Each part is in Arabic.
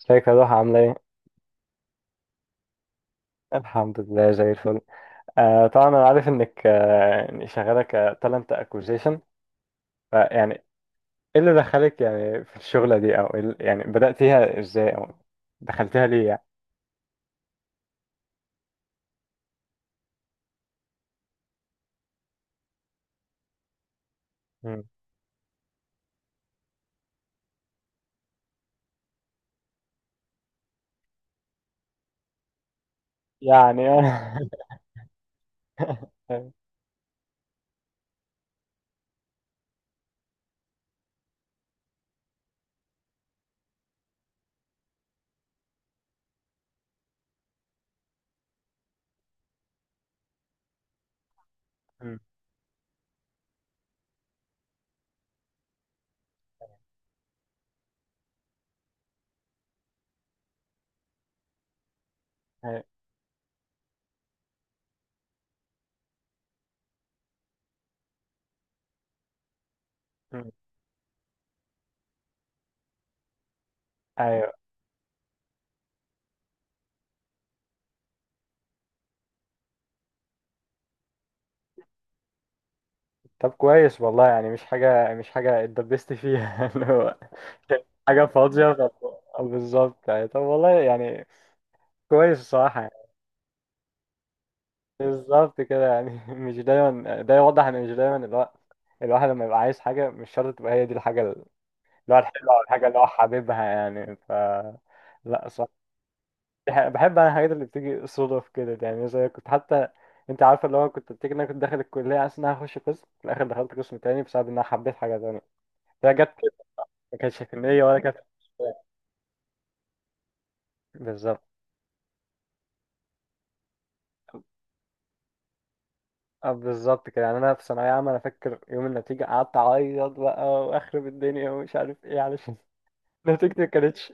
ازيك يا ضحى؟ عاملة ايه؟ الحمد لله زي الفل. آه طبعا انا عارف انك، يعني شغالة كتالنت اكوزيشن. فيعني ايه اللي دخلك يعني في الشغلة دي، او إيه يعني بدأتيها ازاي، او دخلتيها ليه يعني؟ مم. يعني. أيوة. مم. أيوة. مم. أيوة. طب كويس والله، يعني مش حاجة، اتدبستي فيها اللي هو حاجة فاضية. بالظبط يعني، طب والله يعني كويس الصراحة. بالظبط كده يعني. مش دايما، ده يوضح ان مش دايما الواحد، لما يبقى عايز حاجة مش شرط تبقى هي دي الحاجة اللي هو الحلوة، أو الحاجة اللي هو حاببها يعني. ف لا صح. بحب أنا الحاجات اللي بتيجي صدف كده، يعني زي كنت حتى أنت عارفة اللي هو كنت بتيجي. إن أنا كنت داخل الكلية عشان أنا هخش قسم، في الآخر دخلت قسم تاني بسبب إن أنا حبيت حاجة تانية، هي جت كده. ما كانتش في النية ولا كانت بالظبط. اه بالظبط كده يعني. انا في ثانويه عامه، انا فاكر يوم النتيجه قعدت اعيط بقى واخرب الدنيا ومش عارف ايه، علشان نتيجتي ما كانتش.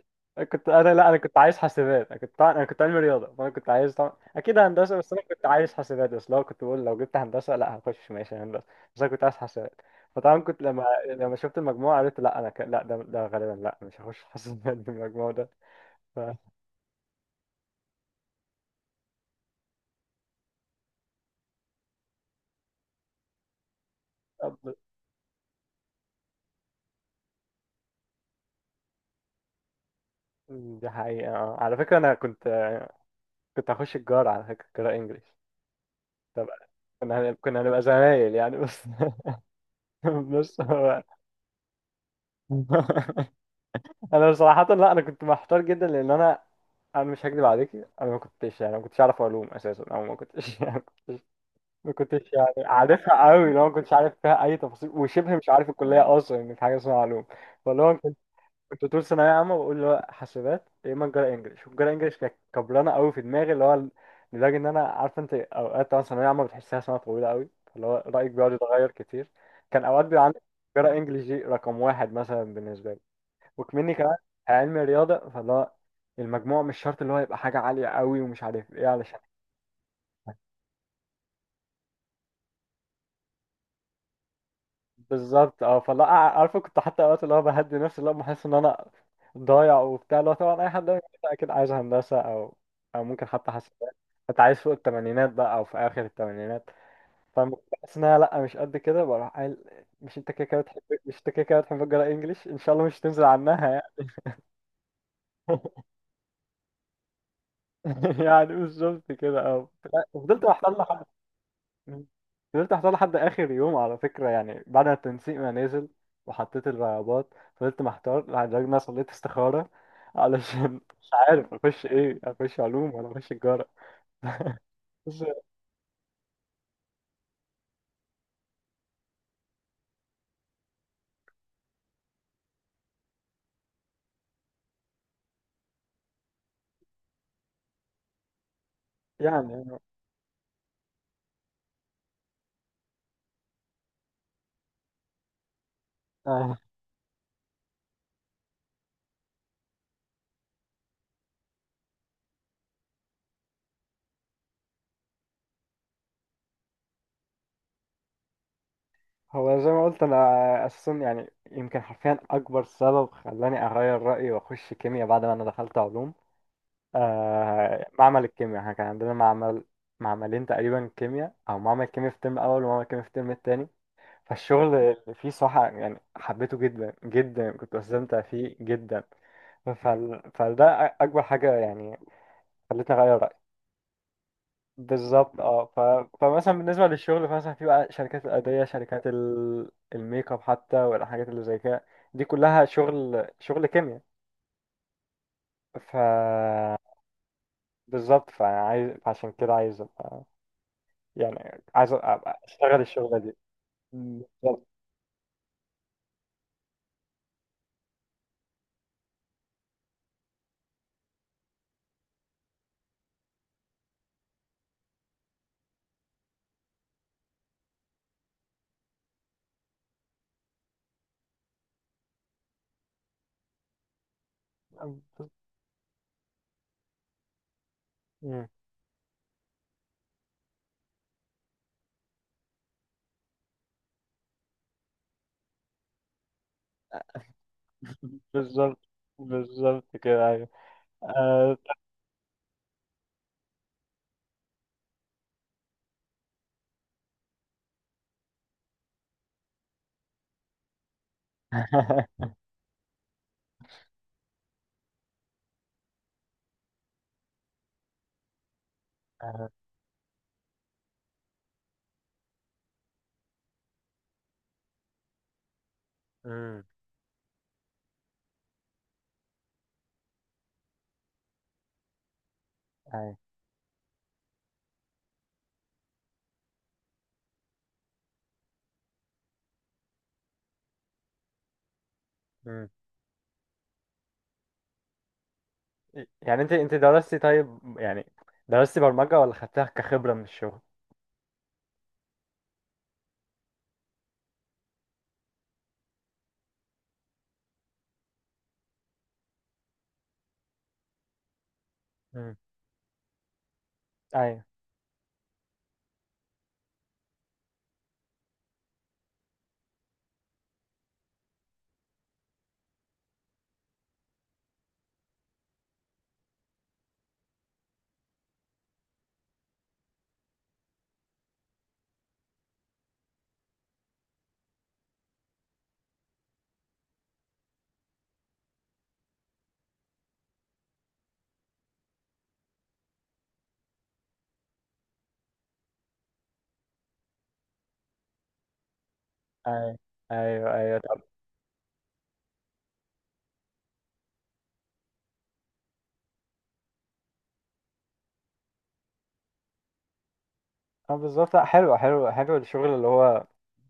كنت انا، لا انا كنت عايز حاسبات. انا كنت علمي رياضه، فانا كنت عايز طبعا اكيد هندسه، بس انا كنت عايز حاسبات. بس لو كنت بقول لو جبت هندسه، لا هخش ماشي هندسه، بس انا كنت عايز حاسبات. فطبعا كنت لما شفت المجموع قلت، لا انا لا ده، غالبا لا مش هخش حاسبات بالمجموع ده. ف... طب- دي حقيقه. آه. على فكره انا كنت، هخش الجار على فكره قراءه انجليش. طب كنا كنا هنبقى زمايل يعني. بس، بس هو. انا صراحه لا، انا كنت محتار جدا لان انا، مش هكدب عليكي. انا ما كنتش يعني، ما كنتش اعرف علوم اساسا، او ما كنتش يعني، كنتش ما كنتش يعني عارفها قوي لو، ما كنتش عارف فيها اي تفاصيل، وشبه مش عارف الكليه اصلا ان في حاجه اسمها علوم. فاللي هو كنت، طول ثانويه عامه بقول اللي هو حاسبات يا اما تجاره انجلش. والتجاره انجلش كانت كبرانه قوي في دماغي، اللي هو لدرجه ان انا عارفه. انت اوقات طبعا ثانويه عامه بتحسها سنه طويله قوي، فاللي هو رايك بيقعد يتغير كتير. كان اوقات بيبقى عندي تجاره انجلش دي رقم واحد مثلا بالنسبه لي، وكمني كمان علمي رياضة، فاللي هو المجموع مش شرط اللي هو يبقى حاجة عالية قوي ومش عارف ايه. علشان بالظبط اه. فاللي هو عارفه كنت حتى اوقات اللي هو بهدي نفسي، اللي هو بحس ان انا ضايع وبتاع. اللي هو طبعا اي حد اكيد عايز هندسة، او او ممكن حتى حاسبات، انت عايز فوق التمانينات بقى، او في اخر التمانينات. فلما كنت بحس ان انا لا مش قد كده، بروح قايل مش انت كده كده بتحب، مش انت كده كده بتحب تقرا انجليش، ان شاء الله مش تنزل عنها يعني. يعني بالظبط كده اه. فضلت محتار. مم. فضلت احطها لحد اخر يوم على فكره، يعني بعد ما التنسيق ما نزل وحطيت الرغبات، فضلت محتار يعني لدرجه ان انا صليت استخاره علشان مش عارف اخش ايه، اخش علوم ولا اخش تجاره. بس يعني. آه، هو زي ما قلت انا اساسا، يعني يمكن حرفيا اكبر سبب خلاني اغير رايي واخش كيمياء بعد ما انا دخلت علوم، آه معمل الكيمياء. احنا كان عندنا معمل، معملين تقريبا كيمياء، او معمل كيمياء في الترم الاول ومعمل كيمياء في الترم الثاني. فالشغل اللي فيه صحة يعني حبيته جدا جدا، كنت بستمتع فيه جدا. فده أكبر حاجة يعني خلتني أغير رأيي. بالظبط اه. فمثلا بالنسبة للشغل، فمثلا في بقى شركات الأدوية، شركات الميك اب حتى، والحاجات اللي زي كده، دي كلها شغل، شغل كيمياء. ف بالظبط. فعايز، عشان كده عايز أبقى يعني، عايز أبقى أشتغل الشغلة دي. بالظبط. مم. بالظبط. بالظبط كده أيوه. آه، آه، مم، أيوة، مم. يعني انت، درستي طيب يعني، درستي برمجة ولا خدتها كخبرة من الشغل؟ مم. ايوه، ايوه، ايوه، ايوه. طب اه بالظبط. لا حلو، حلو حلو الشغل اللي هو،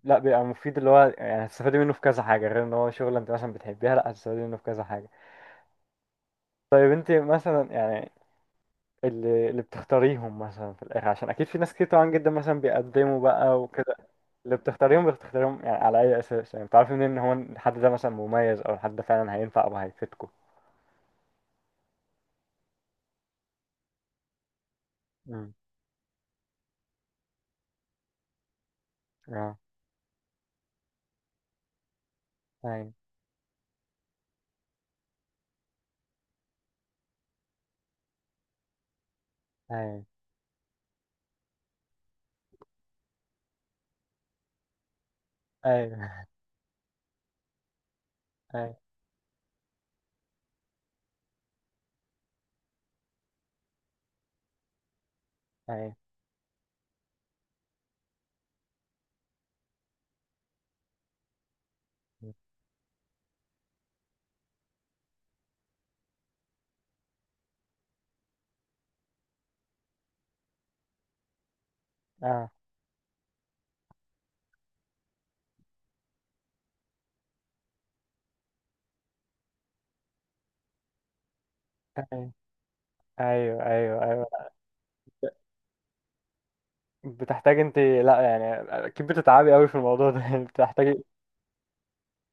لا بيبقى مفيد. اللي هو يعني هتستفادي منه في كذا حاجة، غير ان هو شغل انت مثلا بتحبيها، لا هتستفادي منه في كذا حاجة. طيب انت مثلا يعني، اللي، بتختاريهم مثلا في الاخر، عشان اكيد في ناس كتير طبعا جدا مثلا بيقدموا بقى وكده، اللي بتختاريهم بتختاريهم يعني على أي أساس؟ يعني بتعرفي منين إن هو الحد ده مثلا مميز، أو الحد ده فعلا هينفع أو هيفيدكوا؟ امم. اه، أيوه، أيوه، أيوه، أيوه، أيوه. اه، أيوه، أيوه، أيوه، أيوه. بتحتاج أنت لأ يعني، أكيد بتتعبي أوي في الموضوع ده يعني. بتحتاجي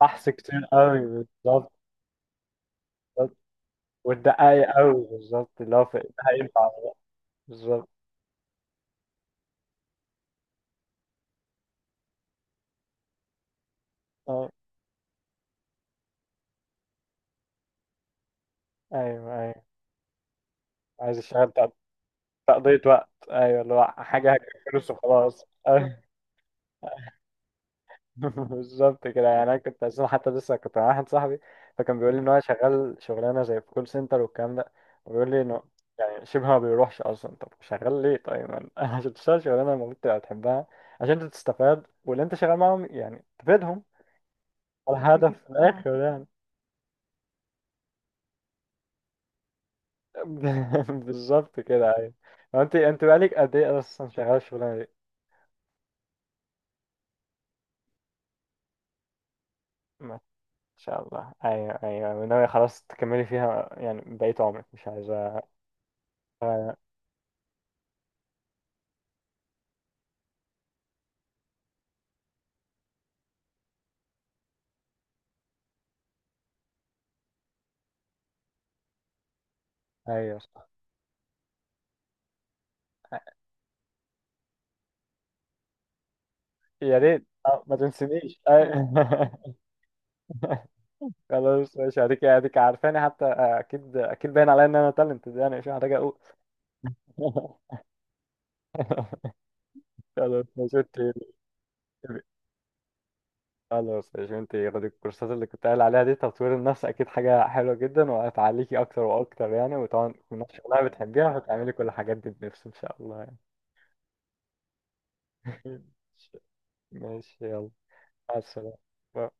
بحث كتير أوي بالظبط. بالظبط. وتدققي أوي بالظبط، اللي هو ده هينفع ولا لأ. بالظبط اه. أيوه، أيوه، عايز أشتغل، تقضية وقت، أيوه اللي هو حاجة هجيب فلوس وخلاص. بالظبط كده يعني. انا كنت اساسا حتى لسه كنت مع واحد صاحبي، فكان بيقول لي ان هو شغال شغلانه زي في كول سنتر والكلام ده، وبيقول لي انه يعني شبه ما بيروحش اصلا. طب شغال ليه طيب؟ ما أنا، عشان تشتغل شغلانه المفروض تبقى بتحبها، عشان انت تستفاد واللي انت شغال معاهم يعني تفيدهم، ده الهدف في اه الاخر يعني. بالظبط كده ايوه. هو انت، بقالك قد ايه اصلا شغال الشغلانه دي؟ ما شاء الله. ايوه ايوه، وناوي خلاص تكملي فيها يعني بقيت عمرك، مش عايزه. ايوه. أيوه. يا ريت ما تنسنيش أي-. خلاص ماشي. هديك، عارفاني حتى، اكيد اكيد باين عليا ان انا تالنت يعني، مش محتاج اقول. خلاص ماشي انت. خلاص ماشي. انت خدي الكورسات اللي كنت قايل عليها دي، تطوير النفس اكيد حاجه حلوه جدا وهتعليكي اكتر واكتر يعني. وطبعا من شغلها بتحبيها، وهتعملي كل الحاجات دي بنفس ان شاء الله يعني. ماشي، يلا، مع السلامه.